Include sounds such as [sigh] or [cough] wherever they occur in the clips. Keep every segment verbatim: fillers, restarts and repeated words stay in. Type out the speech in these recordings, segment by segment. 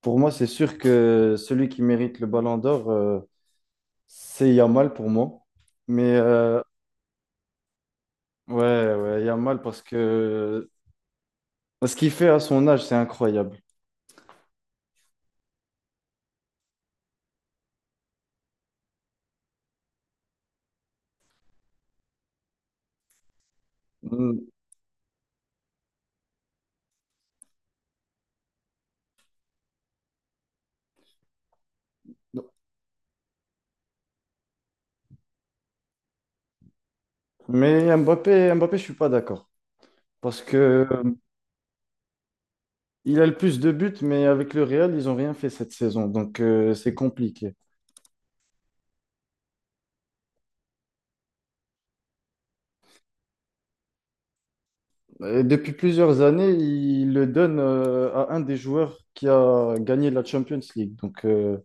Pour moi, c'est sûr que celui qui mérite le Ballon d'Or, euh, c'est Yamal pour moi. Mais euh, ouais, ouais, Yamal parce que ce qu'il fait à son âge, c'est incroyable. Mm. Mais Mbappé, Mbappé, je suis pas d'accord parce que euh, il a le plus de buts, mais avec le Real, ils ont rien fait cette saison, donc euh, c'est compliqué. Et depuis plusieurs années, il le donne euh, à un des joueurs qui a gagné la Champions League, donc. euh,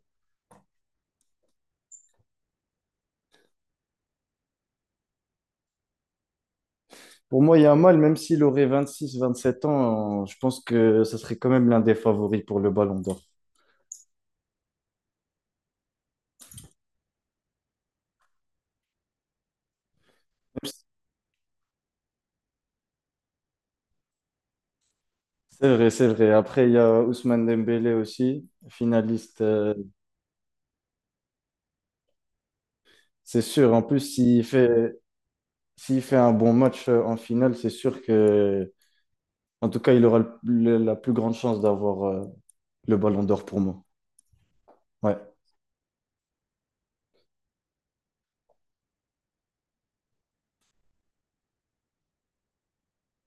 Pour moi, Yamal, même s'il aurait vingt-six, vingt-sept ans, je pense que ce serait quand même l'un des favoris pour le Ballon d'Or. C'est vrai, c'est vrai. Après, il y a Ousmane Dembélé aussi, finaliste, euh, c'est sûr. En plus, s'il fait, s'il fait un bon match euh, en finale, c'est sûr que, en tout cas, il aura le- le- la plus grande chance d'avoir euh, le Ballon d'Or pour moi. Ouais.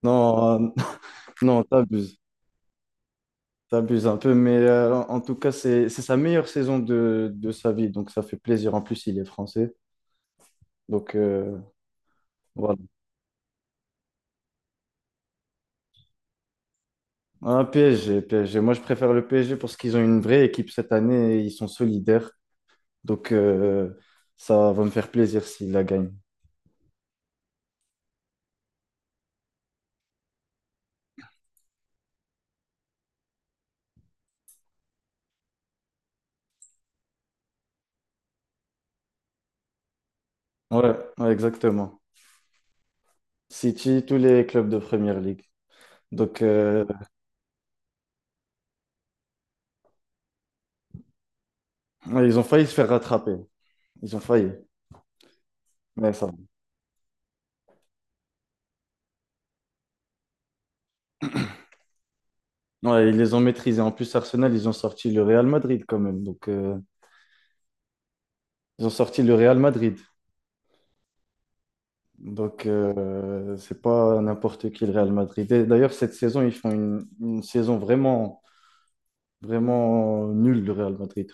Non, euh, [laughs] non, t'abuses. T'abuses un peu, mais euh, en en tout cas, c'est c'est sa meilleure saison de, de sa vie, donc ça fait plaisir. En plus, il est français, donc. euh, Voilà. Un P S G, P S G. Moi, je préfère le P S G parce qu'ils ont une vraie équipe cette année et ils sont solidaires. Donc, euh, ça va me faire plaisir s'ils la gagnent. Ouais, ouais, exactement. City, tous les clubs de Première League. Donc, euh, ouais, ils ont failli se faire rattraper. Ils ont failli. Mais ça va. Ouais, ils les ont maîtrisés. En plus, Arsenal, ils ont sorti le Real Madrid quand même. Donc, euh, ils ont sorti le Real Madrid. Donc, euh, c'est pas n'importe qui le Real Madrid. Et d'ailleurs, cette saison, ils font une, une saison vraiment vraiment nul le Real Madrid.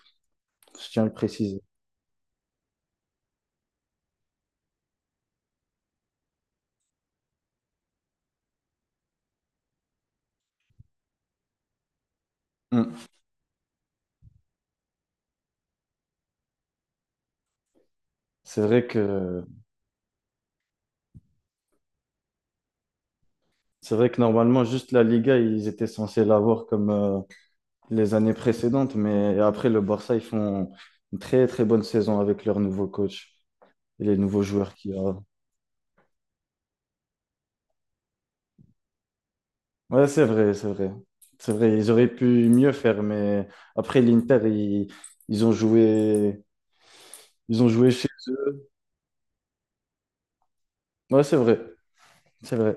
Je tiens à le préciser. Mm. C'est vrai que c'est vrai que normalement juste la Liga ils étaient censés l'avoir comme euh, les années précédentes, mais après le Barça ils font une très très bonne saison avec leur nouveau coach et les nouveaux joueurs qu'il y a. Ouais, c'est vrai, c'est vrai. C'est vrai, ils auraient pu mieux faire, mais après l'Inter, ils, ils ont joué, ils ont joué chez eux. Ouais, c'est vrai, c'est vrai.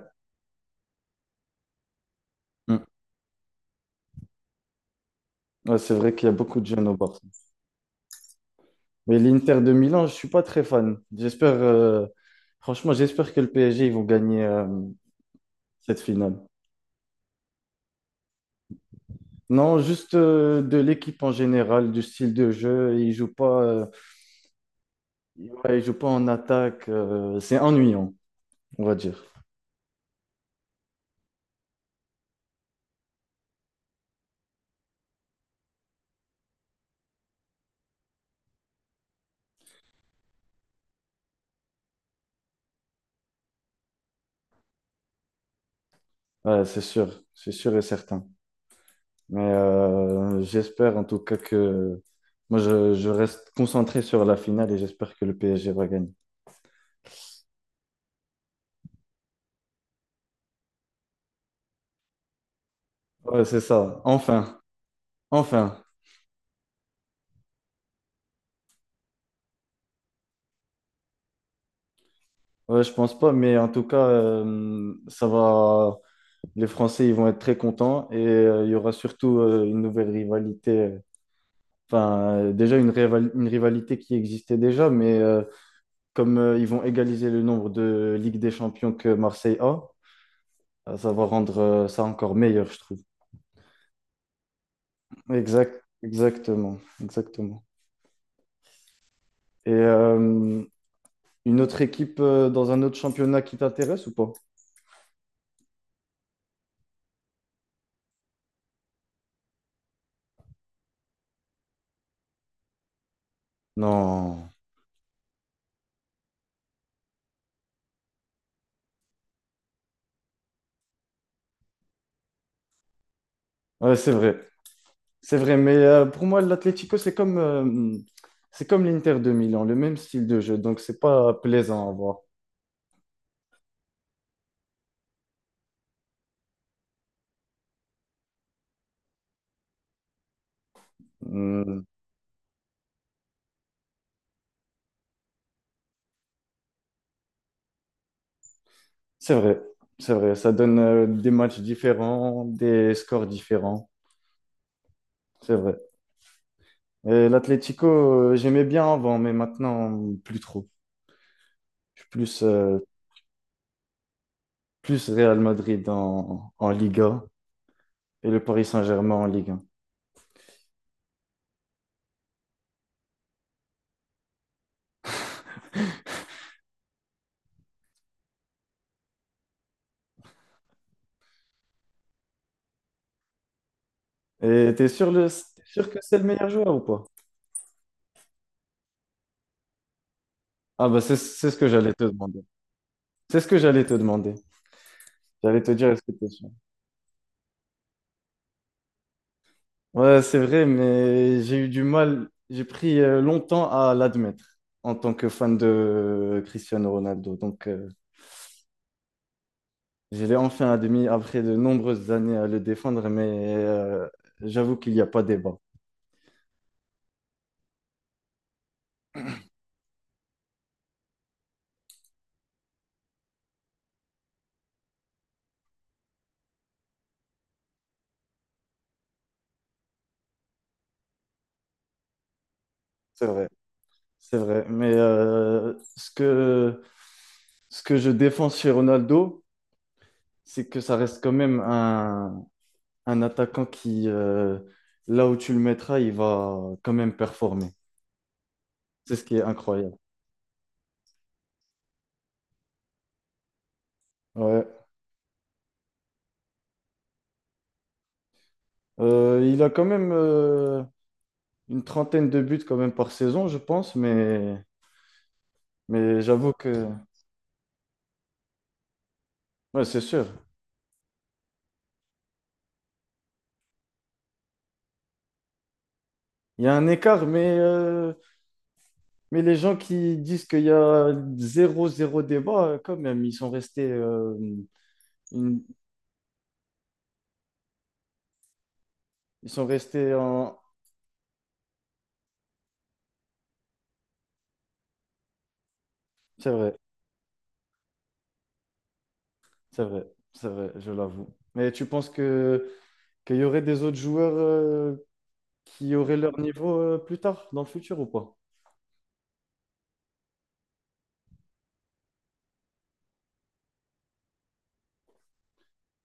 Mm. Ouais, c'est vrai qu'il y a beaucoup de jeunes au Barça. Mais l'Inter de Milan, je suis pas très fan. J'espère, euh, franchement, j'espère que le P S G, ils vont gagner euh, cette finale. Non, juste euh, de l'équipe en général, du style de jeu. Ils jouent pas, euh, ouais, ils jouent pas en attaque. euh, c'est ennuyant, on va dire. Ouais, c'est sûr, c'est sûr et certain. Mais euh, j'espère en tout cas que moi, je, je reste concentré sur la finale et j'espère que le P S G va gagner. Ouais, c'est ça. Enfin, enfin. Ouais, je pense pas, mais en tout cas, euh, ça va. Les Français, ils vont être très contents et euh, il y aura surtout euh, une nouvelle rivalité. euh, Enfin, euh, déjà une, rival- une rivalité qui existait déjà, mais euh, comme euh, ils vont égaliser le nombre de Ligue des Champions que Marseille a, euh, ça va rendre euh, ça encore meilleur, je trouve. Exact, exactement, exactement. Et euh, une autre équipe euh, dans un autre championnat qui t'intéresse ou pas? Non. Ouais, c'est vrai. C'est vrai, mais euh, pour moi, l'Atlético, c'est comme, euh, c'est comme l'Inter de Milan, le même style de jeu, donc c'est pas plaisant à voir. Hmm, c'est vrai, c'est vrai, ça donne euh, des matchs différents, des scores différents, c'est vrai. Et l'Atlético, euh, j'aimais bien avant, mais maintenant, plus trop. Je suis plus, euh, plus Real Madrid en, en Liga et le Paris Saint-Germain en Ligue un. Et t'es sûr, le, t'es sûr que c'est le meilleur joueur ou pas? Ah bah c'est c'est ce que j'allais te demander. C'est ce que j'allais te demander. J'allais te dire, est-ce que t'es sûr? Ouais, c'est vrai, mais j'ai eu du mal, j'ai pris euh, longtemps à l'admettre en tant que fan de Cristiano Ronaldo. Donc, euh, je l'ai enfin admis après de nombreuses années à le défendre, mais euh, j'avoue qu'il n'y a pas débat. C'est vrai, c'est vrai. Mais euh, ce que, ce que je défends chez Ronaldo, c'est que ça reste quand même un, un attaquant qui, euh, là où tu le mettras, il va quand même performer. C'est ce qui est incroyable. Ouais. Euh, il a quand même euh, une trentaine de buts quand même par saison, je pense, mais, mais j'avoue que ouais, c'est sûr. Il y a un écart, mais, euh, mais les gens qui disent qu'il y a zéro, zéro débat, euh, quand même, ils sont restés, euh, une- ils sont restés en... C'est vrai, c'est vrai, c'est vrai, je l'avoue. Mais tu penses que qu'il y aurait des autres joueurs euh, qui auraient leur niveau euh, plus tard, dans le futur ou pas?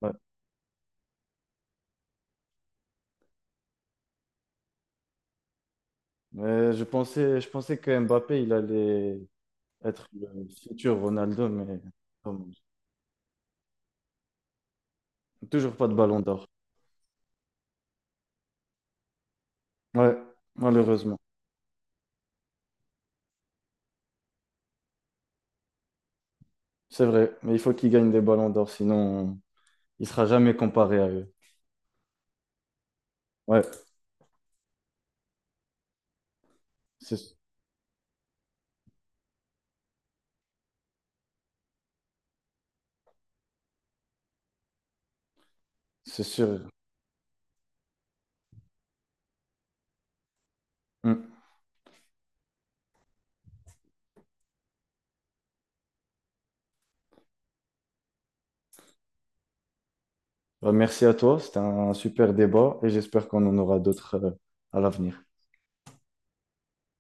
Ouais. Mais je pensais, je pensais que Mbappé, il allait, être le futur Ronaldo, mais comme- toujours pas de ballon d'or. Ouais, malheureusement. C'est vrai, mais il faut qu'il gagne des ballons d'or, sinon il sera jamais comparé à eux. Ouais, c'est c'est sûr. Mm. Bah, merci à toi, c'était un super débat et j'espère qu'on en aura d'autres euh, à l'avenir.